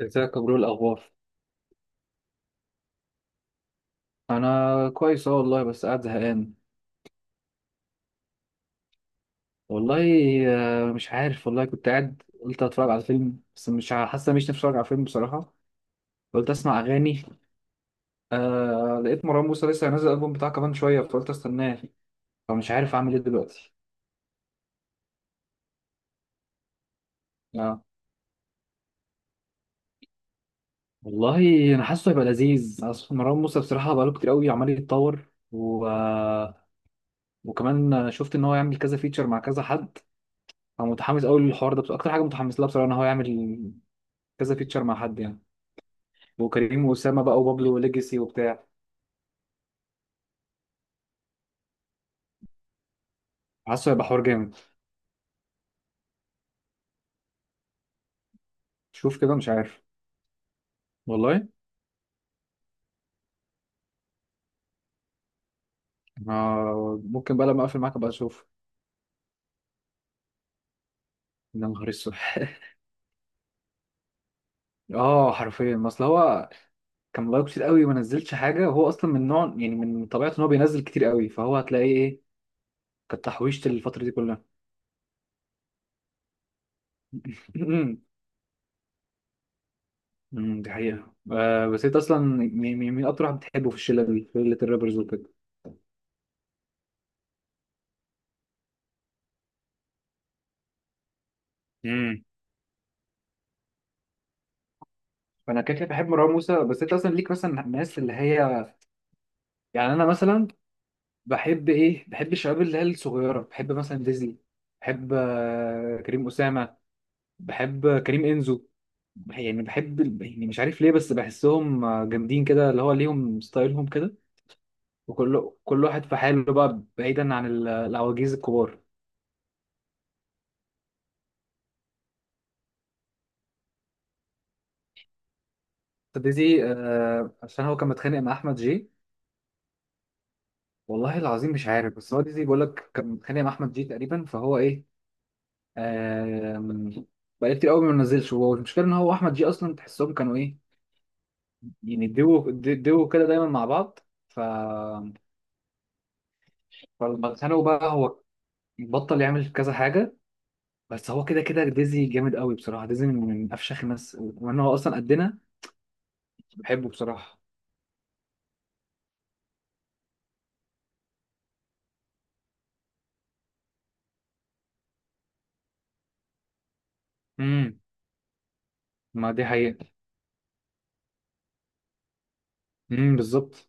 ازيك يا برو، إيه الاخبار؟ انا كويس، اه والله، بس قاعد زهقان والله. مش عارف والله، كنت قاعد قلت اتفرج على فيلم، بس مش حاسس إن مش نفسي اتفرج على فيلم بصراحه. قلت اسمع اغاني. لقيت مروان موسى لسه هينزل الالبوم بتاعه كمان شويه، فقلت استناه. فمش عارف اعمل ايه دلوقتي. آه. والله انا حاسه هيبقى لذيذ، اصل مروان موسى بصراحه بقاله كتير قوي عمال يتطور و... آه، وكمان شفت ان هو يعمل كذا فيتشر مع كذا حد. فمتحمس قوي للحوار ده، بس اكتر حاجه متحمس لها بصراحه ان هو يعمل كذا فيتشر مع حد يعني. وكريم وأسامة بقى وبابلو وليجاسي وبتاع. حاسه هيبقى حوار جامد. شوف كده، مش عارف والله. ممكن بقى لما اقفل معاك ابقى اشوف. يا نهار اسود. اه، حرفيا، ما اصل هو كان لايك كتير قوي وما نزلش حاجه، هو اصلا من نوع يعني، من طبيعته ان هو بينزل كتير قوي، فهو هتلاقيه ايه. كانت تحويشه الفتره دي كلها. دي حقيقه. بس انت اصلا مين اكتر واحد بتحبه في الشله دي، في شله الرابرز وكده؟ امم فانا كده كده بحب مروان موسى، بس انت اصلا ليك مثلا الناس اللي هي، يعني انا مثلا، بحب الشباب اللي هي الصغيره، بحب مثلا ديزني. بحب كريم اسامه. بحب كريم انزو. يعني بحب يعني مش عارف ليه، بس بحسهم جامدين كده، اللي هو ليهم ستايلهم كده. وكل واحد في حاله بقى، بعيدا عن العواجيز الكبار. ديزي، عشان هو كان متخانق مع احمد جي. والله العظيم مش عارف، بس هو ديزي بيقول لك كان متخانق مع احمد جي تقريبا، فهو ايه، آه من- بقى كتير قوي ما نزلش. هو المشكله ان هو احمد جي اصلا تحسهم كانوا ايه، يعني دو كده دايما مع بعض. ف... فلما اتخانقوا بقى هو بطل يعمل كذا حاجة. بس هو كده كده ديزي جامد قوي بصراحة، ديزي من أفشخ الناس، وكمان هو أصلا قدنا. بحبه بصراحة. امم ما دي حقيقة. بالظبط.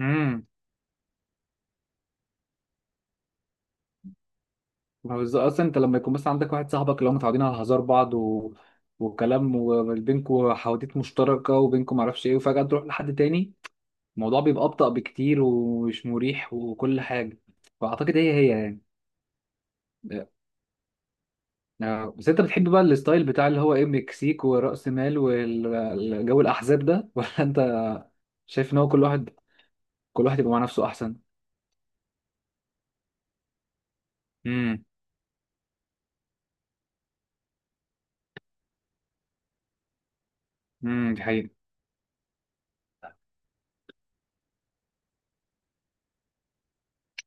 امم ما هو بالظبط، أصلا أنت لما يكون مثلا عندك واحد صاحبك اللي هم متعودين على هزار بعض و... وكلام، وبينكوا حواديت مشتركة، وبينكوا معرفش إيه، وفجأة تروح لحد تاني، الموضوع بيبقى أبطأ بكتير ومش مريح وكل حاجة. فأعتقد هي هي يعني. بس انت بتحب بقى الستايل بتاع اللي هو ايه، مكسيك ورأس مال والجو الاحزاب ده، ولا انت شايف ان هو كل واحد يبقى مع نفسه احسن؟ امم دي حقيقة.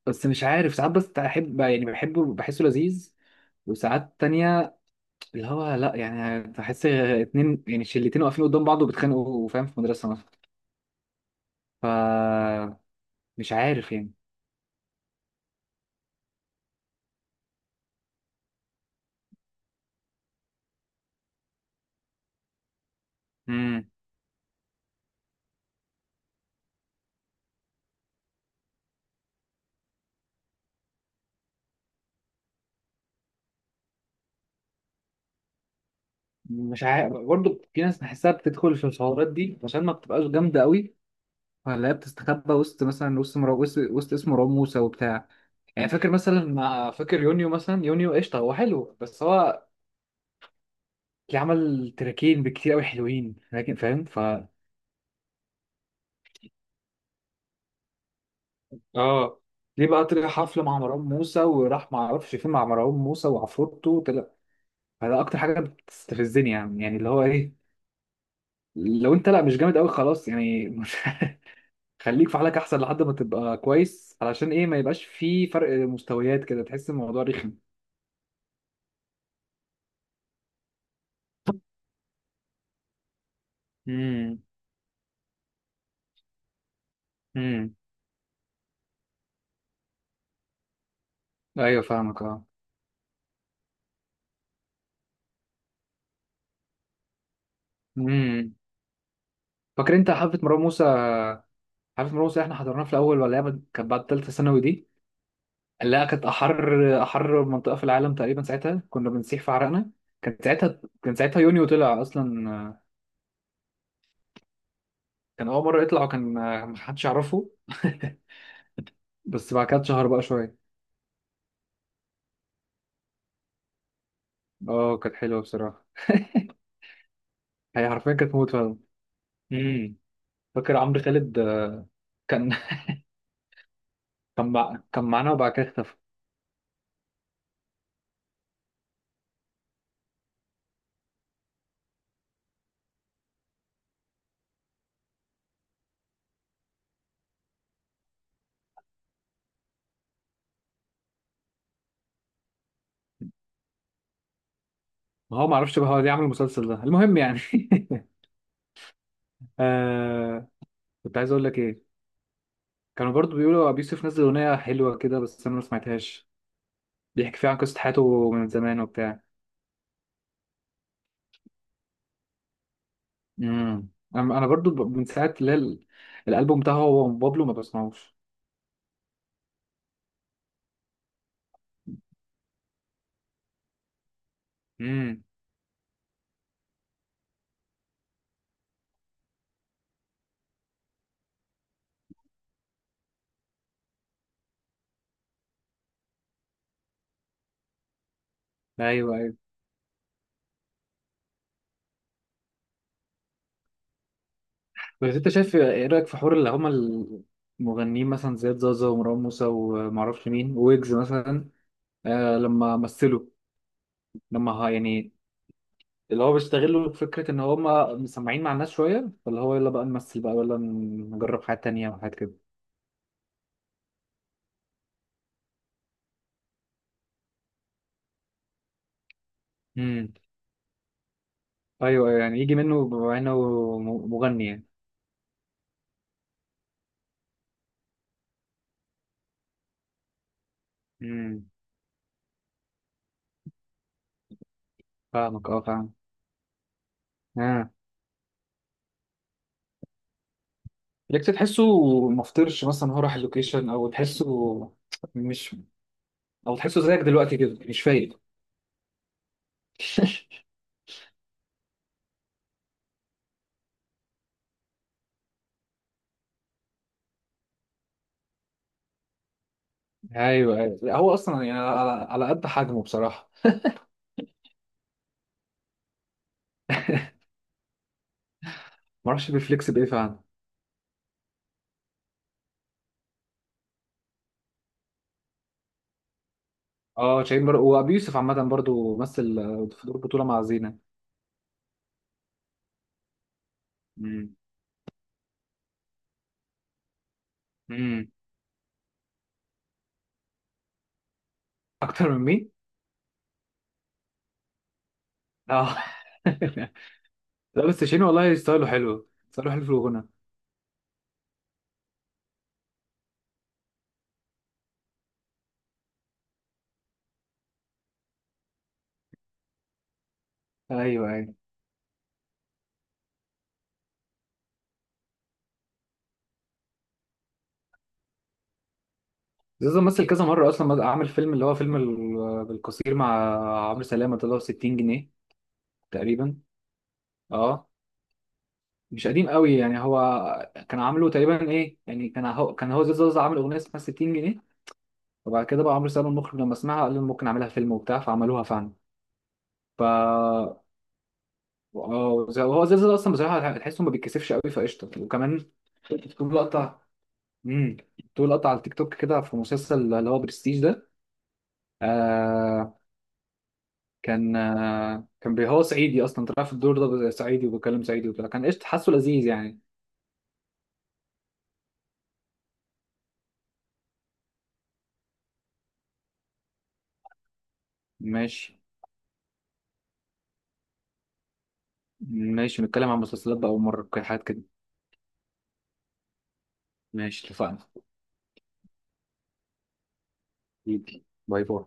بس مش عارف، ساعات بس احب يعني، بحبه بحسه لذيذ، وساعات تانية اللي هو لا يعني، بحس اتنين يعني شلتين واقفين قدام بعض وبيتخانقوا، فاهم، في مدرسة مثلا. ف مش عارف يعني. امم مش عارف، برضه في ناس بحسها بتدخل في الحوارات دي عشان ما بتبقاش جامدة قوي، ولا هي بتستخبى وسط مثلا، وسط اسمه مروان موسى وبتاع. يعني فاكر يونيو مثلا، يونيو قشطه هو حلو، بس هو اللي عمل تراكين بكتير قوي حلوين، لكن فاهم، ف اه، ليه بقى طلع حفله مع مروان موسى وراح ما اعرفش فين مع مروان موسى وعفروتو طلع؟ فده اكتر حاجه بتستفزني يعني اللي هو ايه، لو انت لا مش جامد قوي خلاص يعني، مش خليك في حالك احسن لحد ما تبقى كويس، علشان ايه ما يبقاش في فرق مستويات كده تحس الموضوع رخم. امم ايوه فاهمك، اه. امم فاكر انت حفله مروان موسى؟ حفله مروان موسى احنا حضرناها في الاول، ولا هي كانت بعد ثالثه ثانوي دي؟ اللي هي كانت احر احر منطقه في العالم تقريبا، ساعتها كنا بنسيح في عرقنا. كان ساعتها يونيو طلع اصلا، كان اول مره يطلع، وكان محدش يعرفه. بس بعد كده اتشهر بقى شويه. اه، كانت حلوه بصراحه. هي حرفيا كانت موت فعلا. امم فاكر عمرو خالد، كان كان معانا وبعد كده اختفى. ما هو ما اعرفش بقى هو ليه عامل المسلسل ده، المهم يعني. آه كنت عايز اقول لك ايه، كانوا برضو بيقولوا ابي يوسف نزل اغنيه حلوه كده، بس انا ما سمعتهاش، بيحكي فيها عن قصه حياته من زمان وبتاع. امم انا برضو من ساعه اللي هي الالبوم بتاعه هو وبابلو ما بسمعوش. امم ايوه، ايوه. بس انت شايف ايه رايك في حوار اللي هما المغنيين مثلا، زياد زازا ومروان موسى ومعرفش مين ويجز مثلا، لما مثلوا، لما يعني اللي هو بيستغلوا فكرة إن هما مسمعين مع الناس شوية، فاللي هو يلا بقى نمثل بقى ولا نجرب حاجات تانية وحاجات كده. امم أيوه، أيوة، يعني يجي منه بما إنه مغني يعني. امم فاهمك، أه، فاهم. آه ليك تحسه مفطرش مثلا هو راح اللوكيشن، أو تحسه مش، أو تحسه زيك دلوقتي كده مش فايق؟ أيوه، أيوه. لا، هو أصلا يعني على قد حجمه بصراحة. معرفش بيفليكس بإيه فعلا. أه، وأبي يوسف عامة برضه مثل في دور بطولة مع زينة. امم اكتر من مين؟ اه. لا، بس شيرين والله ستايله حلو، ستايله حلو في الغنى. ايوه، ايوه. زيزو مثل كذا مره اصلا، عامل فيلم اللي هو فيلم بالقصير مع عمرو سلامه، طلع 60 جنيه تقريبا. اه، مش قديم قوي يعني، هو كان عامله تقريبا ايه يعني، كان هو زيزو عامل اغنيه اسمها 60 جنيه، وبعد كده بقى عمرو سلامه المخرج لما سمعها قال له ممكن اعملها فيلم وبتاع، فعملوها فعلا. ف اه، هو زيزو اصلا بصراحه تحسه ما بيتكسفش قوي، فقشطه. وكمان في لقطه، امم طول قطع على التيك توك كده في مسلسل اللي هو برستيج ده، آه هو صعيدي اصلا طلع في الدور ده، صعيدي وبيتكلم صعيدي وكده، كان قشطه، حاسه لذيذ يعني. ماشي، ماشي. نتكلم عن مسلسلات بقى ومره حاجات كده. ماشي، اتفقنا. حبيبي. باي باي.